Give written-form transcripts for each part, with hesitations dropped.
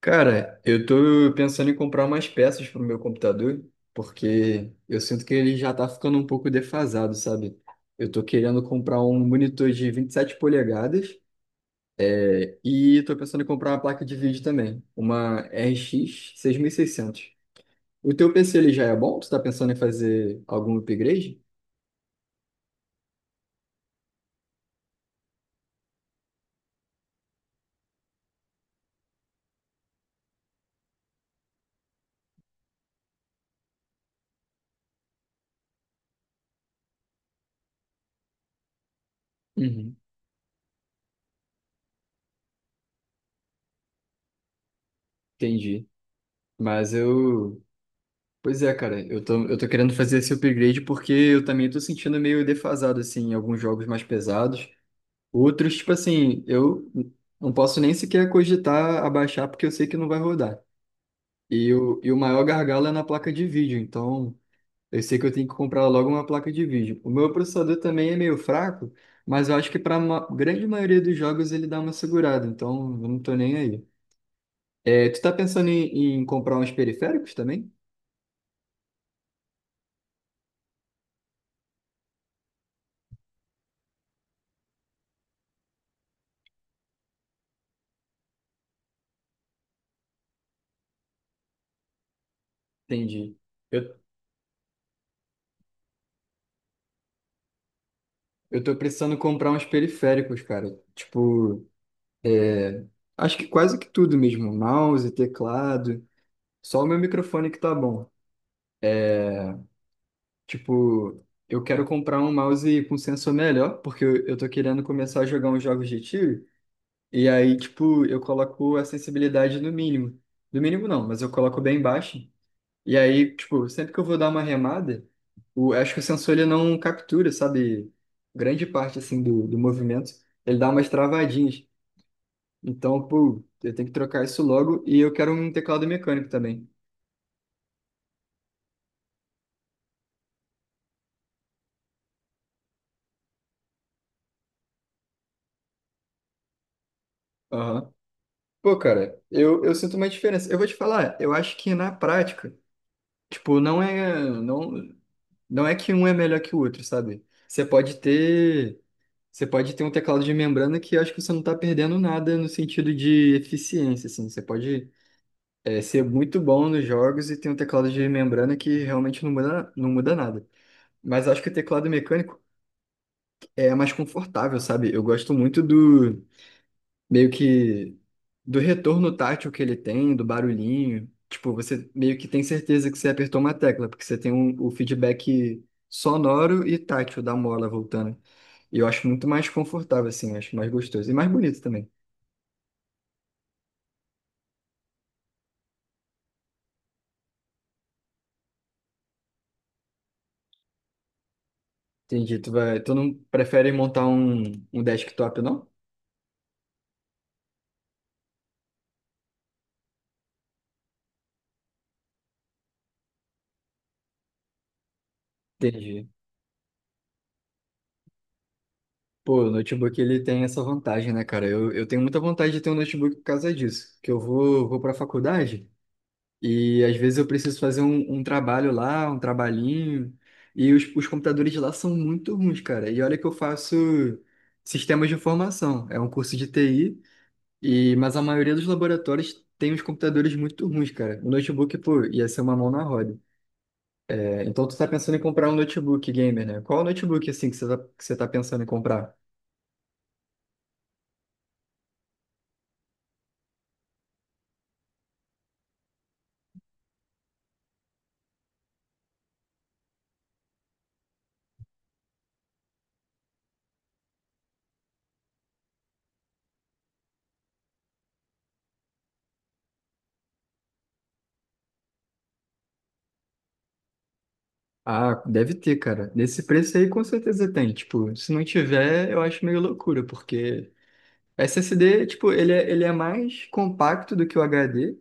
Cara, eu tô pensando em comprar umas peças pro meu computador, porque eu sinto que ele já tá ficando um pouco defasado, sabe? Eu tô querendo comprar um monitor de 27 polegadas e tô pensando em comprar uma placa de vídeo também, uma RX 600. O teu PC ele já é bom? Tu tá pensando em fazer algum upgrade? Uhum, entendi. Mas eu. Pois é, cara, eu tô querendo fazer esse upgrade porque eu também tô sentindo meio defasado, assim, em alguns jogos mais pesados. Outros, tipo assim, eu não posso nem sequer cogitar abaixar porque eu sei que não vai rodar. E o maior gargalo é na placa de vídeo, então eu sei que eu tenho que comprar logo uma placa de vídeo. O meu processador também é meio fraco, mas eu acho que para a grande maioria dos jogos ele dá uma segurada, então eu não tô nem aí. Tu tá pensando em comprar uns periféricos também? Entendi. Eu, eu tô precisando comprar uns periféricos, cara. Tipo, é, acho que quase que tudo mesmo, mouse, teclado. Só o meu microfone que tá bom. Tipo, eu quero comprar um mouse com sensor melhor, porque eu tô querendo começar a jogar uns jogos de tiro. E aí, tipo, eu coloco a sensibilidade no mínimo. No mínimo não, mas eu coloco bem baixo. E aí, tipo, sempre que eu vou dar uma remada, acho que o sensor ele não captura, sabe? Grande parte, assim, do movimento. Ele dá umas travadinhas. Então, pô, eu tenho que trocar isso logo. E eu quero um teclado mecânico também. Aham. Pô, cara, eu sinto uma diferença. Eu vou te falar, eu acho que na prática, tipo, não é que um é melhor que o outro, sabe? Você pode ter um teclado de membrana que eu acho que você não tá perdendo nada no sentido de eficiência, assim. Você pode, ser muito bom nos jogos e ter um teclado de membrana que realmente não muda, não muda nada. Mas eu acho que o teclado mecânico é mais confortável, sabe? Eu gosto muito do meio que do retorno tátil que ele tem, do barulhinho. Tipo, você meio que tem certeza que você apertou uma tecla, porque você tem o feedback sonoro e tátil da mola voltando. E eu acho muito mais confortável, assim, acho mais gostoso. E mais bonito também. Entendi. Tu não prefere montar um desktop, não? Entendi. Pô, o notebook ele tem essa vantagem, né, cara? Eu tenho muita vontade de ter um notebook por causa disso. Que eu vou pra faculdade. E às vezes eu preciso fazer um trabalho lá, um trabalhinho, e os computadores de lá são muito ruins, cara. E olha que eu faço sistemas de informação, é um curso de TI, mas a maioria dos laboratórios tem os computadores muito ruins, cara. O notebook, pô, ia ser uma mão na roda. É, então tu tá pensando em comprar um notebook gamer, né? Qual notebook, assim, que você tá pensando em comprar? Ah, deve ter, cara. Nesse preço aí com certeza tem. Tipo, se não tiver, eu acho meio loucura, porque o SSD, tipo, ele é mais compacto do que o HD.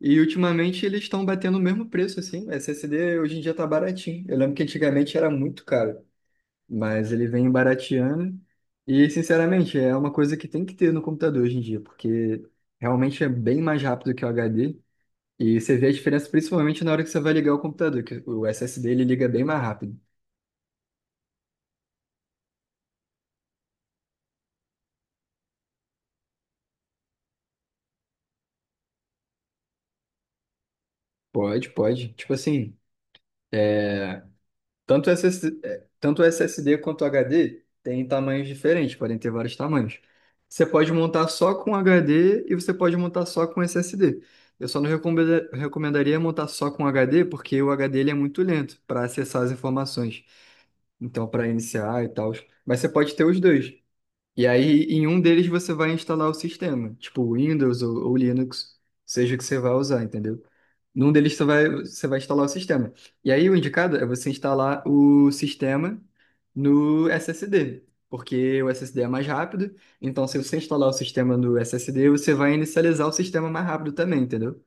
E ultimamente eles estão batendo o mesmo preço, assim. O SSD hoje em dia tá baratinho. Eu lembro que antigamente era muito caro, mas ele vem barateando. E, sinceramente, é uma coisa que tem que ter no computador hoje em dia, porque realmente é bem mais rápido que o HD. E você vê a diferença principalmente na hora que você vai ligar o computador, que o SSD ele liga bem mais rápido. Pode, pode. Tipo assim. é, tanto o SSD quanto o HD tem tamanhos diferentes, podem ter vários tamanhos. Você pode montar só com HD e você pode montar só com SSD. Eu só não recomendaria montar só com HD, porque o HD ele é muito lento para acessar as informações. Então, para iniciar e tal. Mas você pode ter os dois. E aí, em um deles, você vai instalar o sistema, tipo Windows ou Linux, seja o que você vai usar, entendeu? Num deles, você vai instalar o sistema. E aí, o indicado é você instalar o sistema no SSD, porque o SSD é mais rápido. Então, se você instalar o sistema no SSD, você vai inicializar o sistema mais rápido também, entendeu?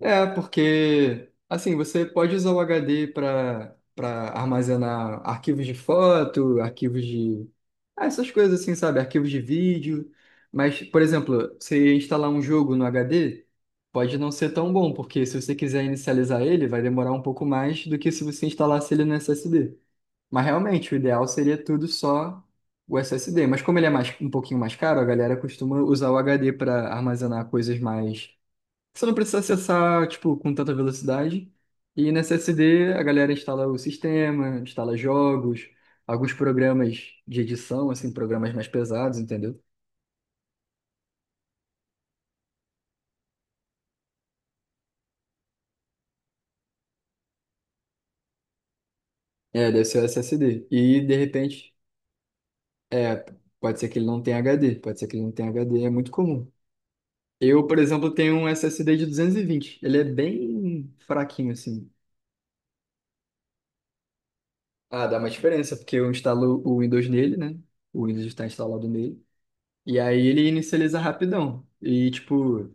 É, porque assim, você pode usar o HD para armazenar arquivos de foto, essas coisas assim, sabe? Arquivos de vídeo. Mas, por exemplo, você instalar um jogo no HD, pode não ser tão bom, porque se você quiser inicializar ele, vai demorar um pouco mais do que se você instalasse ele no SSD. Mas realmente, o ideal seria tudo só o SSD. Mas como ele é mais, um pouquinho mais caro, a galera costuma usar o HD para armazenar coisas mais você não precisa acessar, tipo, com tanta velocidade. E nesse SSD a galera instala o sistema, instala jogos, alguns programas de edição, assim, programas mais pesados, entendeu? É, deve ser o SSD. E de repente, é, pode ser que ele não tenha HD, pode ser que ele não tenha HD, é muito comum. Eu, por exemplo, tenho um SSD de 220. Ele é bem fraquinho, assim. Ah, dá uma diferença, porque eu instalo o Windows nele, né? O Windows está instalado nele. E aí ele inicializa rapidão. E, tipo,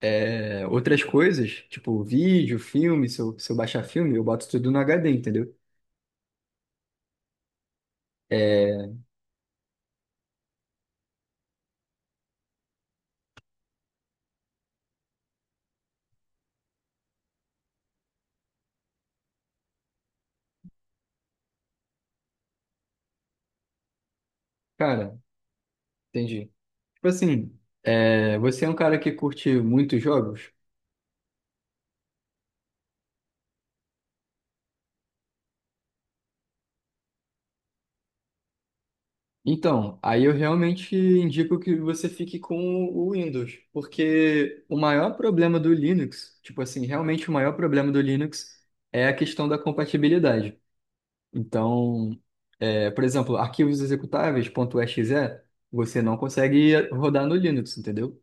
outras coisas, tipo vídeo, filme, se eu baixar filme, eu boto tudo no HD, entendeu? É, cara, entendi. Tipo assim, você é um cara que curte muitos jogos? Então, aí eu realmente indico que você fique com o Windows, porque o maior problema do Linux, tipo assim, realmente o maior problema do Linux é a questão da compatibilidade. Então, por exemplo, arquivos executáveis .exe, você não consegue rodar no Linux, entendeu?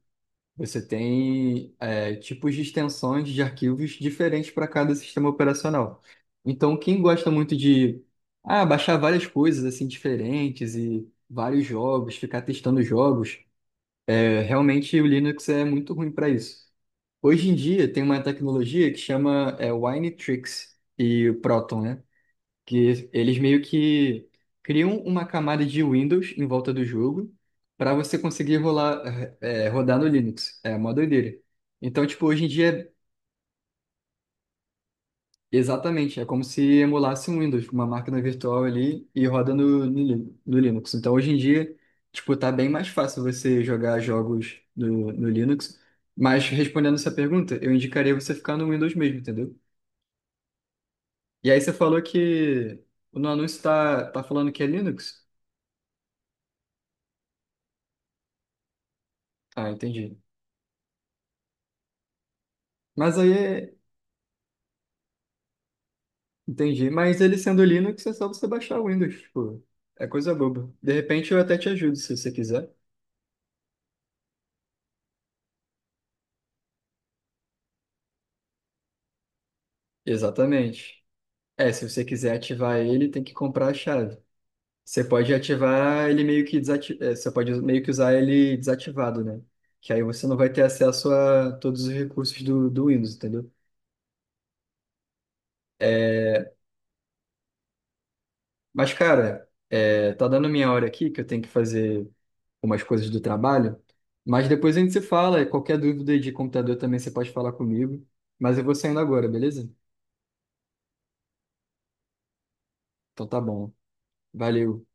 Você tem tipos de extensões de arquivos diferentes para cada sistema operacional. Então, quem gosta muito de baixar várias coisas assim diferentes e vários jogos, ficar testando jogos, realmente o Linux é muito ruim para isso. Hoje em dia tem uma tecnologia que chama Winetrix e Proton, né? Que eles meio que criam uma camada de Windows em volta do jogo para você conseguir rodar no Linux. É uma doideira. Então, tipo, hoje em dia, exatamente, é como se emulasse um Windows, uma máquina virtual ali e roda no Linux. Então, hoje em dia, tipo, tá bem mais fácil você jogar jogos no Linux. Mas respondendo essa pergunta, eu indicaria você ficar no Windows mesmo, entendeu? E aí você falou que no anúncio tá falando que é Linux. Ah, entendi. Mas aí, é- Entendi. Mas ele sendo Linux, é só você baixar o Windows, tipo, é coisa boba. De repente eu até te ajudo, se você quiser. Exatamente. É, se você quiser ativar ele, tem que comprar a chave. Você pode ativar ele meio que você pode meio que usar ele desativado, né? Que aí você não vai ter acesso a todos os recursos do Windows, entendeu? É, Mas, cara, tá dando minha hora aqui que eu tenho que fazer umas coisas do trabalho. Mas depois a gente se fala. E qualquer dúvida de computador também você pode falar comigo. Mas eu vou saindo agora, beleza? Então tá bom. Valeu.